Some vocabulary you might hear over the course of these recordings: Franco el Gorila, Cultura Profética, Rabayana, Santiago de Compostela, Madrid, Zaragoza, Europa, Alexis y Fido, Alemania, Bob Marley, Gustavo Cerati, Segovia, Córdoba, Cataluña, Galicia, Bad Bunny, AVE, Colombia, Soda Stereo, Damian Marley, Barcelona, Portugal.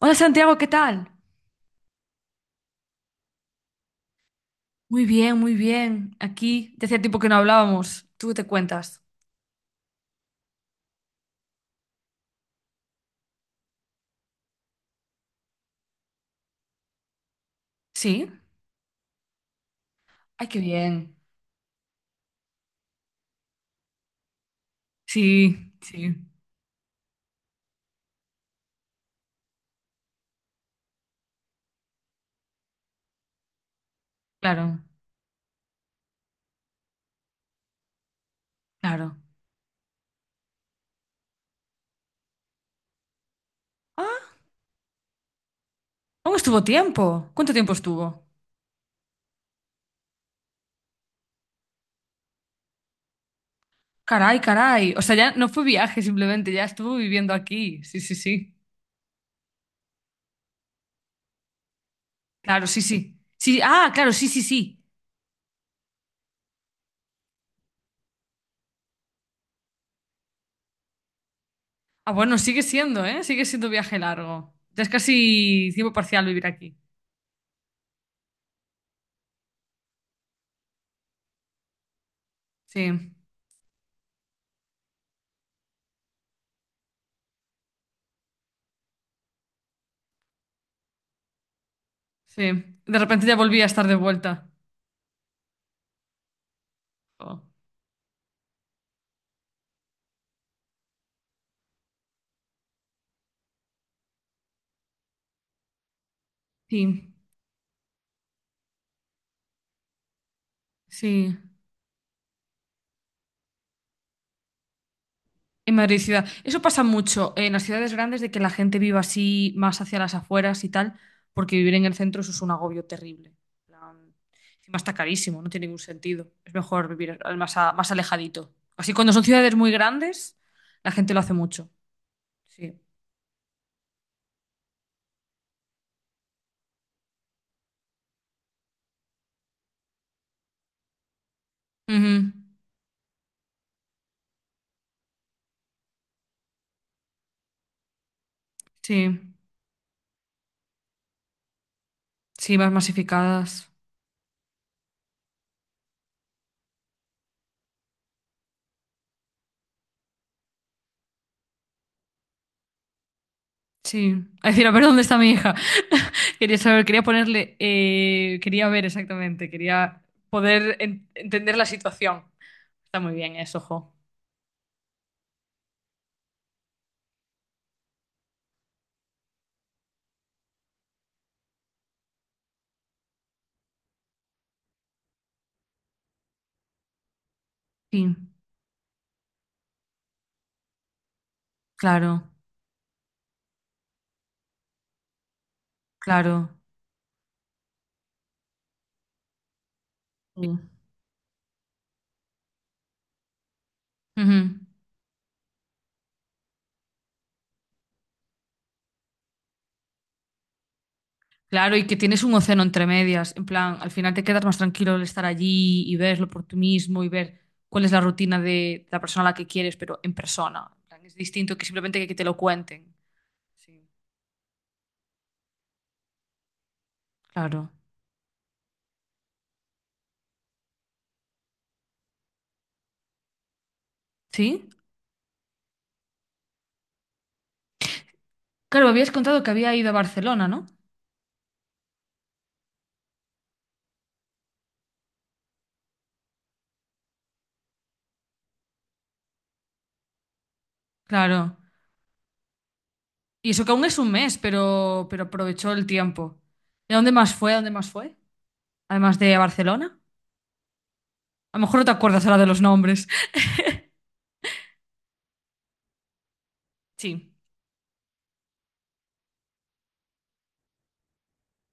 Hola Santiago, ¿qué tal? Muy bien, muy bien. Aquí, de hace tiempo que no hablábamos. ¿Tú qué te cuentas? ¿Sí? Ay, qué bien. Sí, sí, claro, claro. Ah, aún estuvo tiempo. ¿Cuánto tiempo estuvo? Caray, caray. O sea, ya no fue viaje simplemente, ya estuvo viviendo aquí. Sí, sí, sí. Claro, sí, sí. Sí, ah, claro, sí, sí, sí. Ah, bueno, sigue siendo, ¿eh? Sigue siendo viaje largo. Ya es casi tiempo parcial vivir aquí. Sí, sí. De repente ya volví a estar de vuelta. Oh. Sí. Sí, en Madrid ciudad. Eso pasa mucho en las ciudades grandes de que la gente viva así más hacia las afueras y tal, porque vivir en el centro eso es un agobio terrible. En plan, encima está carísimo, no tiene ningún sentido. Es mejor vivir más, más alejadito. Así cuando son ciudades muy grandes, la gente lo hace mucho. Sí. Ujú. Sí, sí, más masificadas. Sí. A decir, a ver dónde está mi hija. Quería saber, quería ponerle, quería ver exactamente, quería poder entender la situación. Está muy bien eso, jo. Sí, claro, claro. Sí. Ujú. Claro, y que tienes un océano entre medias. En plan, al final te quedas más tranquilo al estar allí y verlo por tú mismo y ver cuál es la rutina de la persona a la que quieres, pero en persona. En plan, es distinto que simplemente que te lo cuenten. Sí, claro. ¿Sí? Claro, habías contado que había ido a Barcelona, ¿no? Claro. Y eso que aún es un mes, pero aprovechó el tiempo. ¿Y a dónde más fue? ¿A dónde más fue? Además de a Barcelona. A lo mejor no te acuerdas ahora de los nombres. Sí,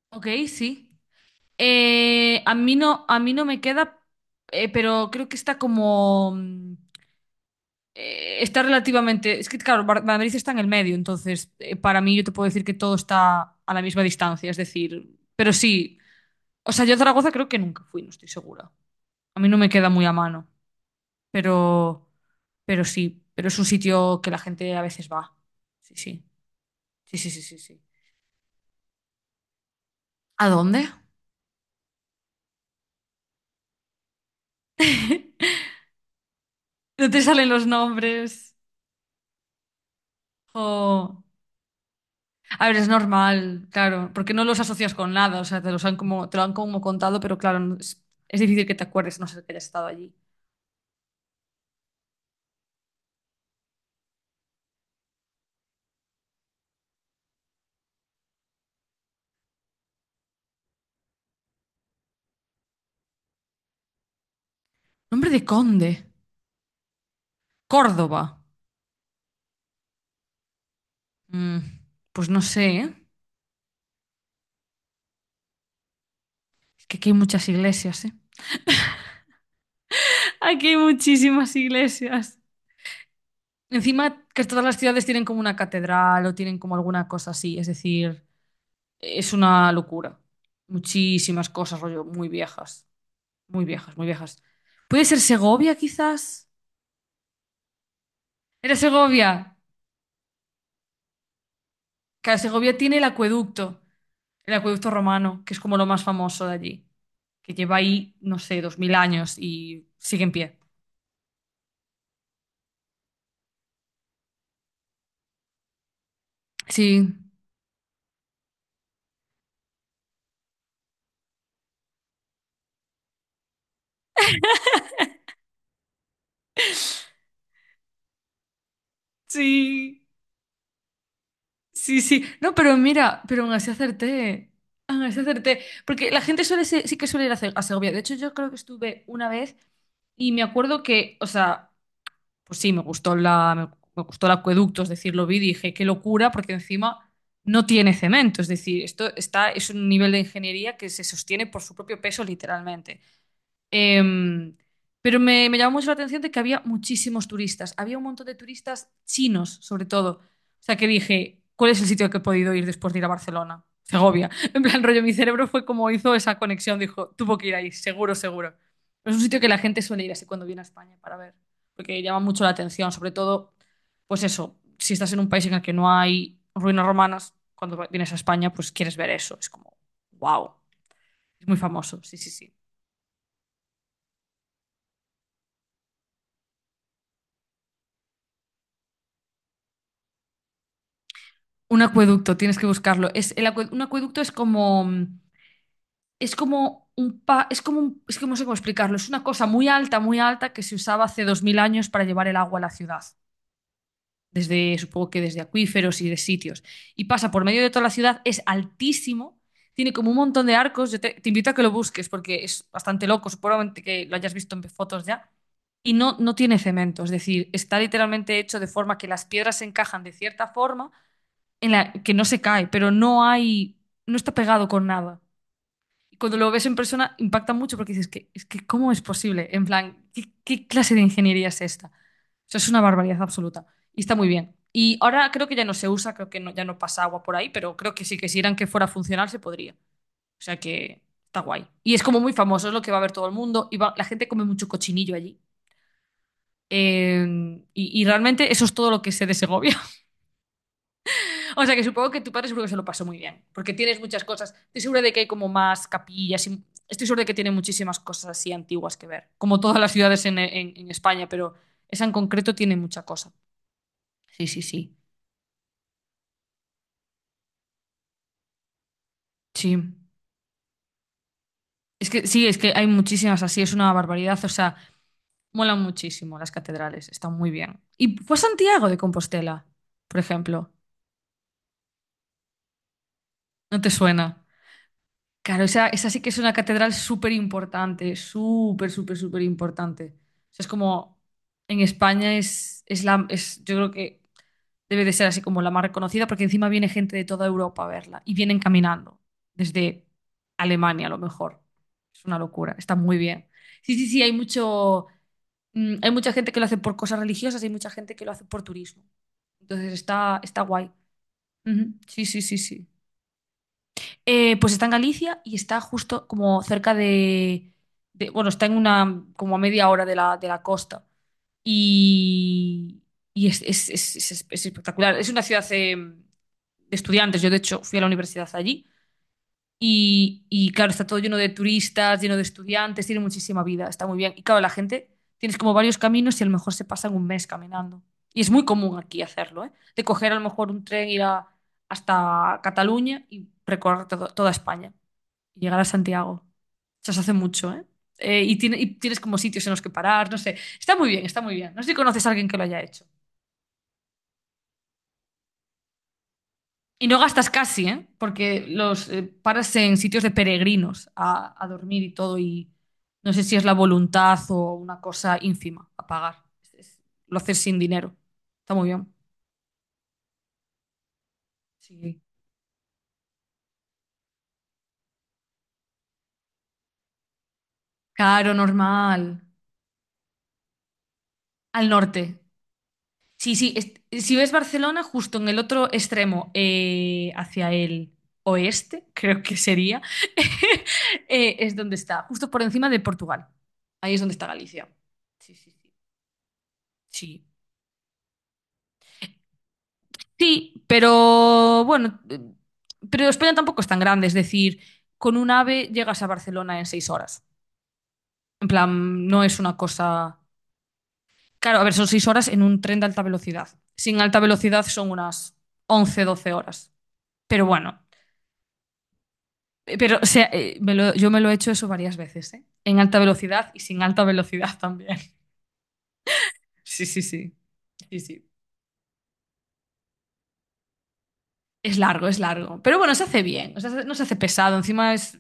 ok, sí. A mí no me queda, pero creo que está como... está relativamente... Es que, claro, Madrid está en el medio, entonces, para mí yo te puedo decir que todo está a la misma distancia, es decir, pero sí, o sea, yo a Zaragoza creo que nunca fui, no estoy segura. A mí no me queda muy a mano, pero, pero sí, pero es un sitio que la gente a veces va. Sí, sí, sí, sí, sí, sí. Sí. ¿A dónde? No te salen los nombres. Jo. A ver, es normal, claro, porque no los asocias con nada, o sea, te los han como, te lo han como contado, pero claro, es difícil que te acuerdes, a no sé que hayas estado allí. Nombre de conde, Córdoba. Mm, pues no sé, ¿eh? Es que aquí hay muchas iglesias, ¿eh? Aquí hay muchísimas iglesias. Encima que todas las ciudades tienen como una catedral o tienen como alguna cosa así, es decir, es una locura. Muchísimas cosas, rollo, muy viejas, muy viejas, muy viejas. ¿Puede ser Segovia, quizás? ¿Era Segovia? Claro, Segovia tiene el acueducto romano, que es como lo más famoso de allí, que lleva ahí, no sé, 2000 años y sigue en pie. Sí, sí, sí, sí. No, pero mira, pero aún así acerté. Aún así acerté. Porque la gente suele sí que suele ir a Segovia. De hecho, yo creo que estuve una vez y me acuerdo que, o sea, pues sí, me gustó me gustó el acueducto, es decir, lo vi y dije, qué locura, porque encima no tiene cemento, es decir, esto está, es un nivel de ingeniería que se sostiene por su propio peso literalmente. Em, pero me llamó mucho la atención de que había muchísimos turistas. Había un montón de turistas chinos, sobre todo. O sea, que dije, ¿cuál es el sitio al que he podido ir después de ir a Barcelona? Segovia. En plan, rollo, mi cerebro fue como hizo esa conexión. Dijo, tuvo que ir ahí, seguro, seguro. Es un sitio que la gente suele ir así cuando viene a España para ver, porque llama mucho la atención, sobre todo, pues eso, si estás en un país en el que no hay ruinas romanas, cuando vienes a España, pues quieres ver eso. Es como, wow, es muy famoso. Sí, sí, sí. Un acueducto, tienes que buscarlo. Un acueducto es como, es como es como es que no sé cómo explicarlo. Es una cosa muy alta que se usaba hace 2000 años para llevar el agua a la ciudad. Desde, supongo que desde acuíferos y de sitios. Y pasa por medio de toda la ciudad, es altísimo, tiene como un montón de arcos. Yo te invito a que lo busques porque es bastante loco, seguramente que lo hayas visto en fotos ya. Y no, no tiene cemento, es decir, está literalmente hecho de forma que las piedras se encajan de cierta forma en la que no se cae, pero no hay, no está pegado con nada. Y cuando lo ves en persona impacta mucho porque dices, es que, ¿cómo es posible? En plan, ¿qué clase de ingeniería es esta? O sea, es una barbaridad absoluta. Y está muy bien. Y ahora creo que ya no se usa, creo que no, ya no pasa agua por ahí, pero creo que sí, que si eran que fuera funcional se podría. O sea que está guay. Y es como muy famoso, es lo que va a ver todo el mundo. Y la gente come mucho cochinillo allí. Eh, y realmente eso es todo lo que sé de Segovia. O sea que supongo que tu padre seguro que se lo pasó muy bien, porque tienes muchas cosas. Estoy segura de que hay como más capillas, estoy segura de que tiene muchísimas cosas así antiguas que ver, como todas las ciudades en España, pero esa en concreto tiene mucha cosa. Sí, sí, sí. Sí. Es que sí, es que hay muchísimas así, es una barbaridad, o sea, molan muchísimo las catedrales, están muy bien. ¿Y fue a Santiago de Compostela, por ejemplo? ¿No te suena? Claro, esa sí que es una catedral súper importante, súper, súper, súper importante. O sea, es como en España yo creo que debe de ser así como la más reconocida, porque encima viene gente de toda Europa a verla y vienen caminando desde Alemania a lo mejor. Es una locura, está muy bien. Sí, sí, sí, hay mucho, hay mucha gente que lo hace por cosas religiosas, hay mucha gente que lo hace por turismo. Entonces está guay. Ujú, sí, sí, sí, sí. Pues está en Galicia y está justo como cerca de, bueno, está en una, como a media hora de la costa. Y, y es, es espectacular. Es una ciudad de estudiantes. Yo, de hecho, fui a la universidad allí. Y, claro, está todo lleno de turistas, lleno de estudiantes, tiene muchísima vida, está muy bien. Y claro, la gente, tienes como varios caminos y a lo mejor se pasan un mes caminando. Y es muy común aquí hacerlo, ¿eh? De coger a lo mejor un tren, hasta Cataluña y recorrer toda España y llegar a Santiago. Eso se hace mucho, ¿eh? Y tienes como sitios en los que parar, no sé. Está muy bien, está muy bien. No sé si conoces a alguien que lo haya hecho. Y no gastas casi, ¿eh? Porque los paras en sitios de peregrinos a dormir y todo. Y no sé si es la voluntad o una cosa ínfima a pagar. Lo haces sin dinero. Está muy bien. Sí. Caro, normal. Al norte. Sí, sí, si ves Barcelona, justo en el otro extremo, hacia el oeste, creo que sería, es donde está, justo por encima de Portugal. Ahí es donde está Galicia. Sí, sí, sí. Sí, sí, pero bueno, pero España tampoco es tan grande, es decir, con un AVE llegas a Barcelona en 6 horas. En plan, no es una cosa... Claro, a ver, son 6 horas en un tren de alta velocidad. Sin alta velocidad son unas 11, 12 horas. Pero bueno, pero, o sea, yo me lo he hecho eso varias veces, ¿eh? En alta velocidad y sin alta velocidad también. Sí, sí, sí. Sí, sí. Es largo, es largo. Pero bueno, se hace bien. O sea, no se hace pesado. Encima es.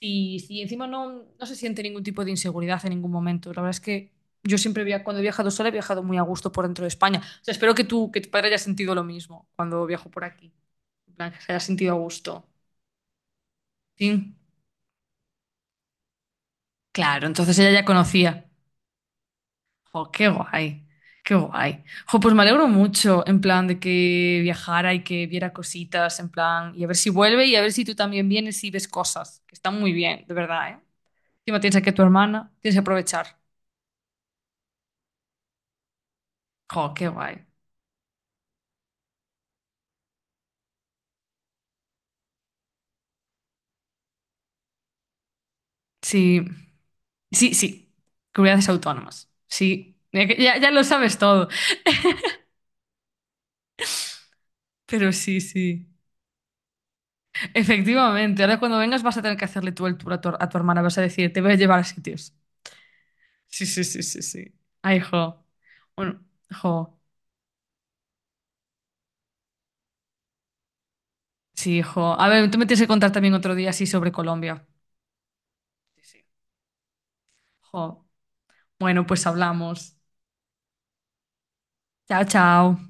Y encima no, no se siente ningún tipo de inseguridad en ningún momento. La verdad es que yo siempre cuando he viajado sola he viajado muy a gusto por dentro de España. O sea, espero que tú, que tu padre haya sentido lo mismo cuando viajo por aquí. En plan, que se haya sentido a gusto. Sí. Claro, entonces ella ya conocía. Jo, qué guay, qué guay. Jo, pues me alegro mucho, en plan, de que viajara y que viera cositas, en plan, y a ver si vuelve y a ver si tú también vienes y ves cosas, que están muy bien, de verdad, ¿eh? Encima tienes aquí a tu hermana, tienes que aprovechar. Jo, qué guay. Sí, sí, sí. Comunidades autónomas. Sí, ya, ya lo sabes todo, pero sí, sí. Efectivamente, ahora cuando vengas vas a tener que hacerle tú el tour a tu hermana, vas a decir, te voy a llevar a sitios. Sí, sí, sí, sí, sí. Ay, jo. Bueno, jo. Sí, jo. A ver, tú me tienes que contar también otro día así sobre Colombia. Sí, sí. Jo. Bueno, pues hablamos. Chao, chao.